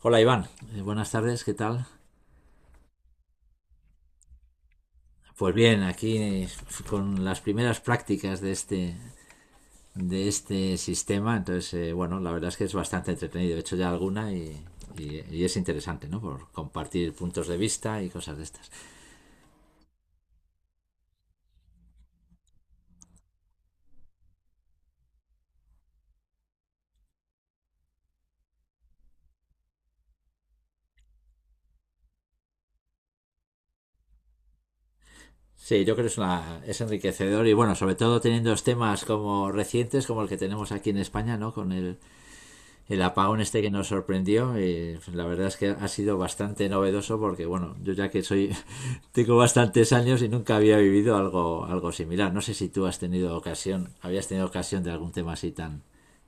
Hola Iván, buenas tardes, ¿qué tal? Pues bien, aquí con las primeras prácticas de este sistema, entonces, bueno, la verdad es que es bastante entretenido, he hecho ya alguna y es interesante, ¿no? Por compartir puntos de vista y cosas de estas. Sí, yo creo que es enriquecedor y bueno, sobre todo teniendo temas como recientes, como el que tenemos aquí en España, ¿no? El apagón este que nos sorprendió, la verdad es que ha sido bastante novedoso porque, bueno, yo ya que soy, tengo bastantes años y nunca había vivido algo similar. No sé si tú has tenido ocasión, habías tenido ocasión de algún tema así tan,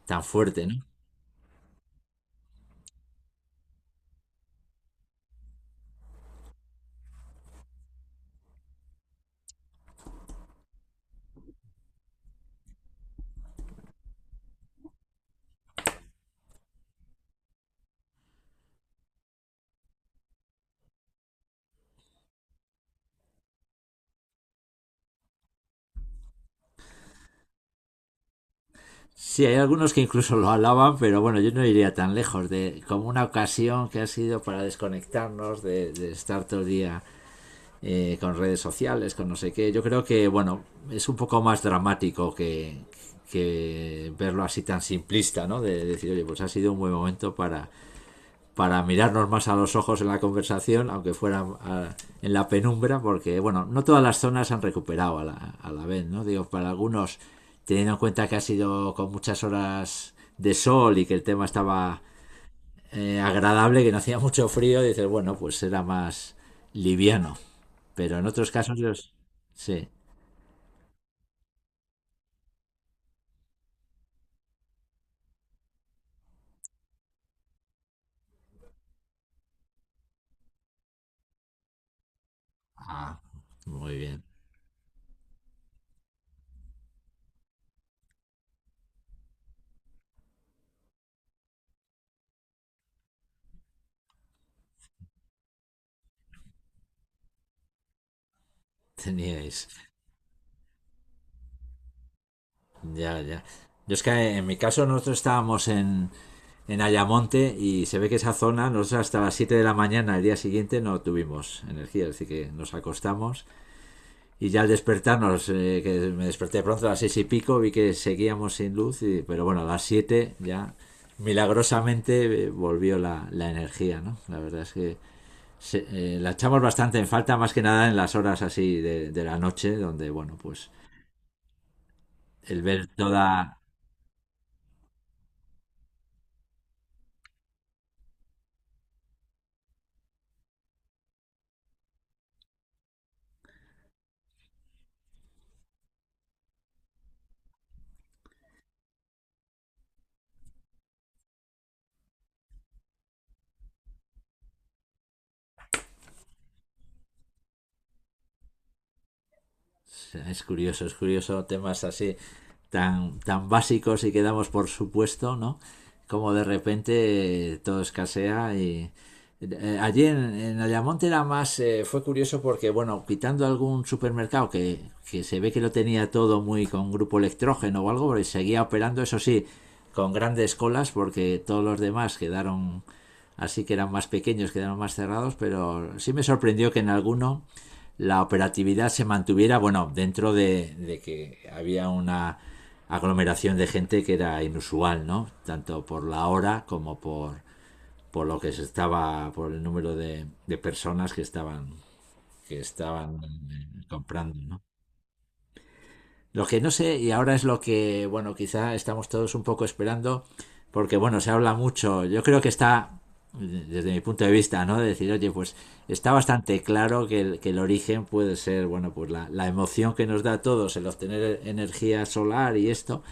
tan fuerte, ¿no? Sí, hay algunos que incluso lo alaban, pero bueno, yo no iría tan lejos de como una ocasión que ha sido para desconectarnos, de estar todo el día con redes sociales, con no sé qué. Yo creo que, bueno, es un poco más dramático que verlo así tan simplista, ¿no? Decir, oye, pues ha sido un buen momento para mirarnos más a los ojos en la conversación, aunque fuera en la penumbra, porque, bueno, no todas las zonas han recuperado a la vez, ¿no? Digo, para algunos, teniendo en cuenta que ha sido con muchas horas de sol y que el tema estaba agradable, que no hacía mucho frío, dices, bueno, pues era más liviano pero en otros casos los. Sí. Ah, muy bien. Teníais. Ya, ya. Yo es que en mi caso nosotros estábamos en Ayamonte y se ve que esa zona, nosotros hasta las 7 de la mañana el día siguiente no tuvimos energía, así que nos acostamos y ya al despertarnos, que me desperté pronto a las 6 y pico, vi que seguíamos sin luz, pero bueno, a las 7 ya milagrosamente volvió la energía, ¿no? La verdad es que se, la echamos bastante en falta, más que nada en las horas así de la noche, donde, bueno, pues el ver toda. Es curioso temas así tan, tan básicos y que damos por supuesto, ¿no? Como de repente todo escasea Allí en Ayamonte era más, fue curioso porque, bueno, quitando algún supermercado que se ve que lo tenía todo muy con grupo electrógeno o algo, pero seguía operando, eso sí, con grandes colas porque todos los demás quedaron así que eran más pequeños, quedaron más cerrados, pero sí me sorprendió que en alguno la operatividad se mantuviera, bueno, dentro de que había una aglomeración de gente que era inusual, ¿no? Tanto por la hora como por lo que se estaba, por el número de personas que estaban comprando, ¿no? Lo que no sé, y ahora es lo que, bueno, quizá estamos todos un poco esperando, porque bueno, se habla mucho, yo creo que está, desde mi punto de vista, ¿no? De decir, oye, pues está bastante claro que el origen puede ser, bueno, pues la emoción que nos da a todos el obtener energía solar y esto,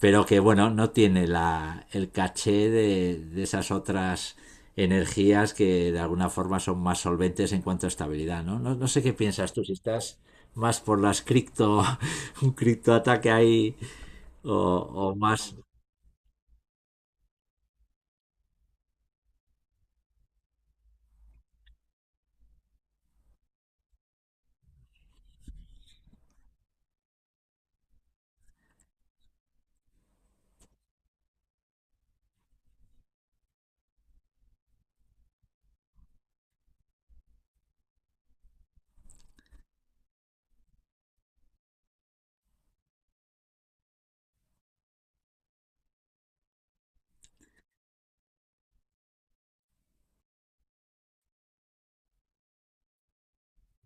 pero que bueno, no tiene el caché de esas otras energías que de alguna forma son más solventes en cuanto a estabilidad, ¿no? No, no sé qué piensas tú, si estás más por las cripto, un criptoataque ahí o, o más.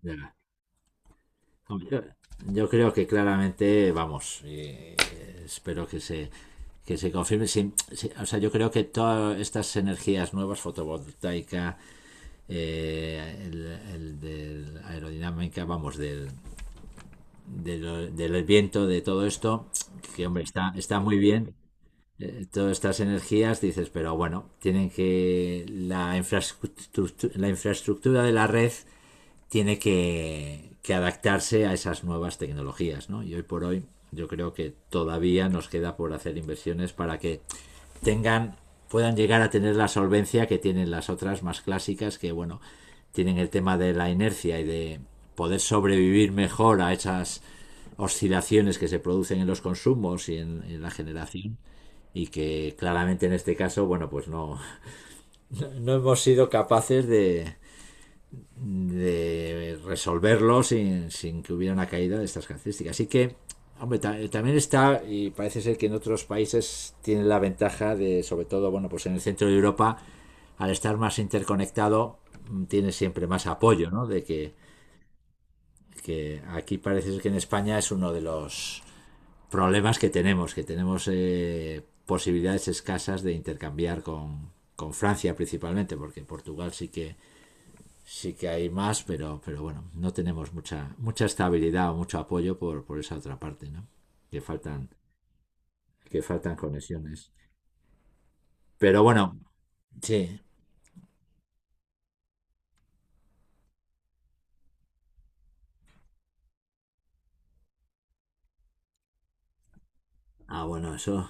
Ya. Yo, yo creo que claramente, vamos, espero que se confirme. Sí, sí, o sea, yo creo que todas estas energías nuevas, fotovoltaica, eh, el, el del aerodinámica, vamos, del viento, de todo esto, que hombre, está muy bien. Todas estas energías, dices, pero bueno, tienen que la infraestructura de la red tiene que adaptarse a esas nuevas tecnologías, ¿no? Y hoy por hoy yo creo que todavía nos queda por hacer inversiones para que tengan, puedan llegar a tener la solvencia que tienen las otras más clásicas que, bueno, tienen el tema de la inercia y de poder sobrevivir mejor a esas oscilaciones que se producen en los consumos y en la generación y que claramente en este caso, bueno, pues no, no hemos sido capaces de resolverlo sin que hubiera una caída de estas características. Así que, hombre, también está, y parece ser que en otros países tiene la ventaja de, sobre todo, bueno, pues en el centro de Europa, al estar más interconectado, tiene siempre más apoyo, ¿no? De que aquí parece ser que en España es uno de los problemas que tenemos, posibilidades escasas de intercambiar con Francia principalmente, porque en Portugal sí que hay más, pero bueno, no tenemos mucha, mucha estabilidad o mucho apoyo por esa otra parte, ¿no? Que faltan, que faltan conexiones. Pero bueno, sí. Ah, bueno, eso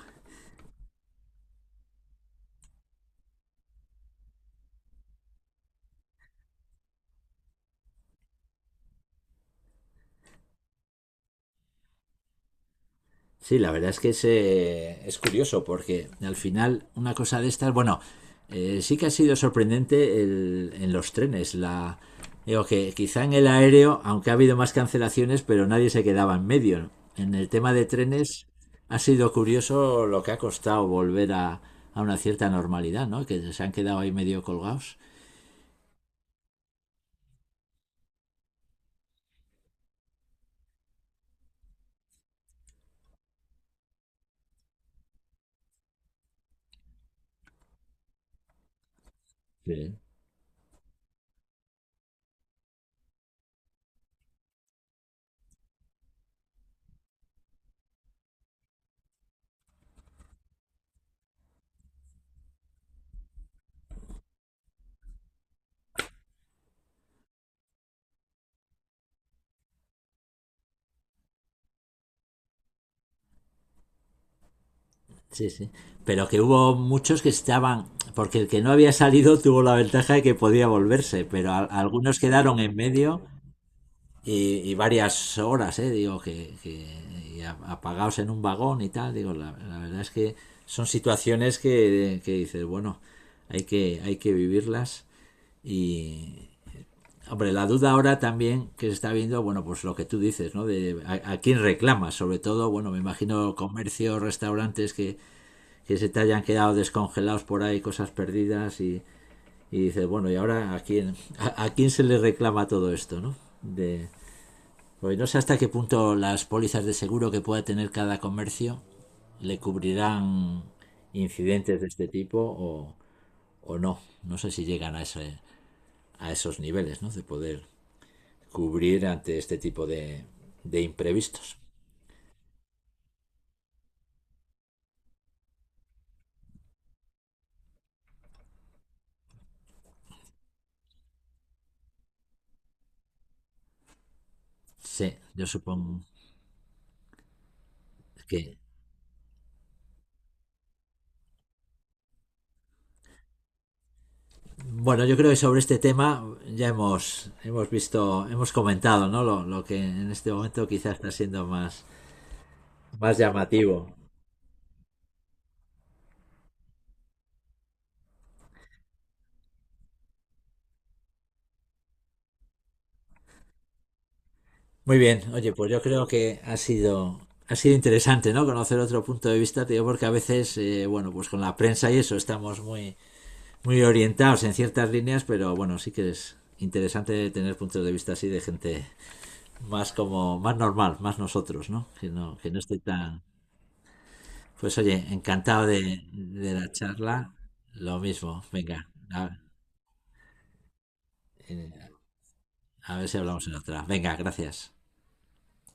sí, la verdad es que es curioso porque al final una cosa de estas, bueno, sí que ha sido sorprendente en los trenes. Digo que quizá en el aéreo, aunque ha habido más cancelaciones, pero nadie se quedaba en medio. En el tema de trenes ha sido curioso lo que ha costado volver a una cierta normalidad, ¿no? Que se han quedado ahí medio colgados. Sí. Sí, sí. Pero que hubo muchos que estaban, porque el que no había salido tuvo la ventaja de que podía volverse, pero algunos quedaron en medio y varias horas, digo, y apagados en un vagón y tal, digo, la verdad es que son situaciones que dices, bueno, hay que vivirlas y, hombre, la duda ahora también que se está viendo, bueno, pues lo que tú dices, ¿no? De a quién reclamas, sobre todo, bueno, me imagino comercios, restaurantes que se te hayan quedado descongelados por ahí, cosas perdidas y dices, bueno, ¿y ahora a quién se le reclama todo esto? ¿No? De, pues no sé hasta qué punto las pólizas de seguro que pueda tener cada comercio le cubrirán incidentes de este tipo o no. No sé si llegan a esos niveles, ¿no? De poder cubrir ante este tipo de imprevistos. Sí, yo supongo que bueno, yo creo que sobre este tema ya hemos visto, hemos comentado, ¿no? Lo que en este momento quizás está siendo más, más llamativo. Muy bien, oye, pues yo creo que ha sido interesante, ¿no? Conocer otro punto de vista, te digo, porque a veces, bueno, pues con la prensa y eso estamos muy, muy orientados en ciertas líneas, pero bueno, sí que es interesante tener puntos de vista así de gente más como, más normal, más nosotros, ¿no? Que no esté tan. Pues oye, encantado de la charla. Lo mismo, venga. Eh, a ver si hablamos en otra. Venga, gracias.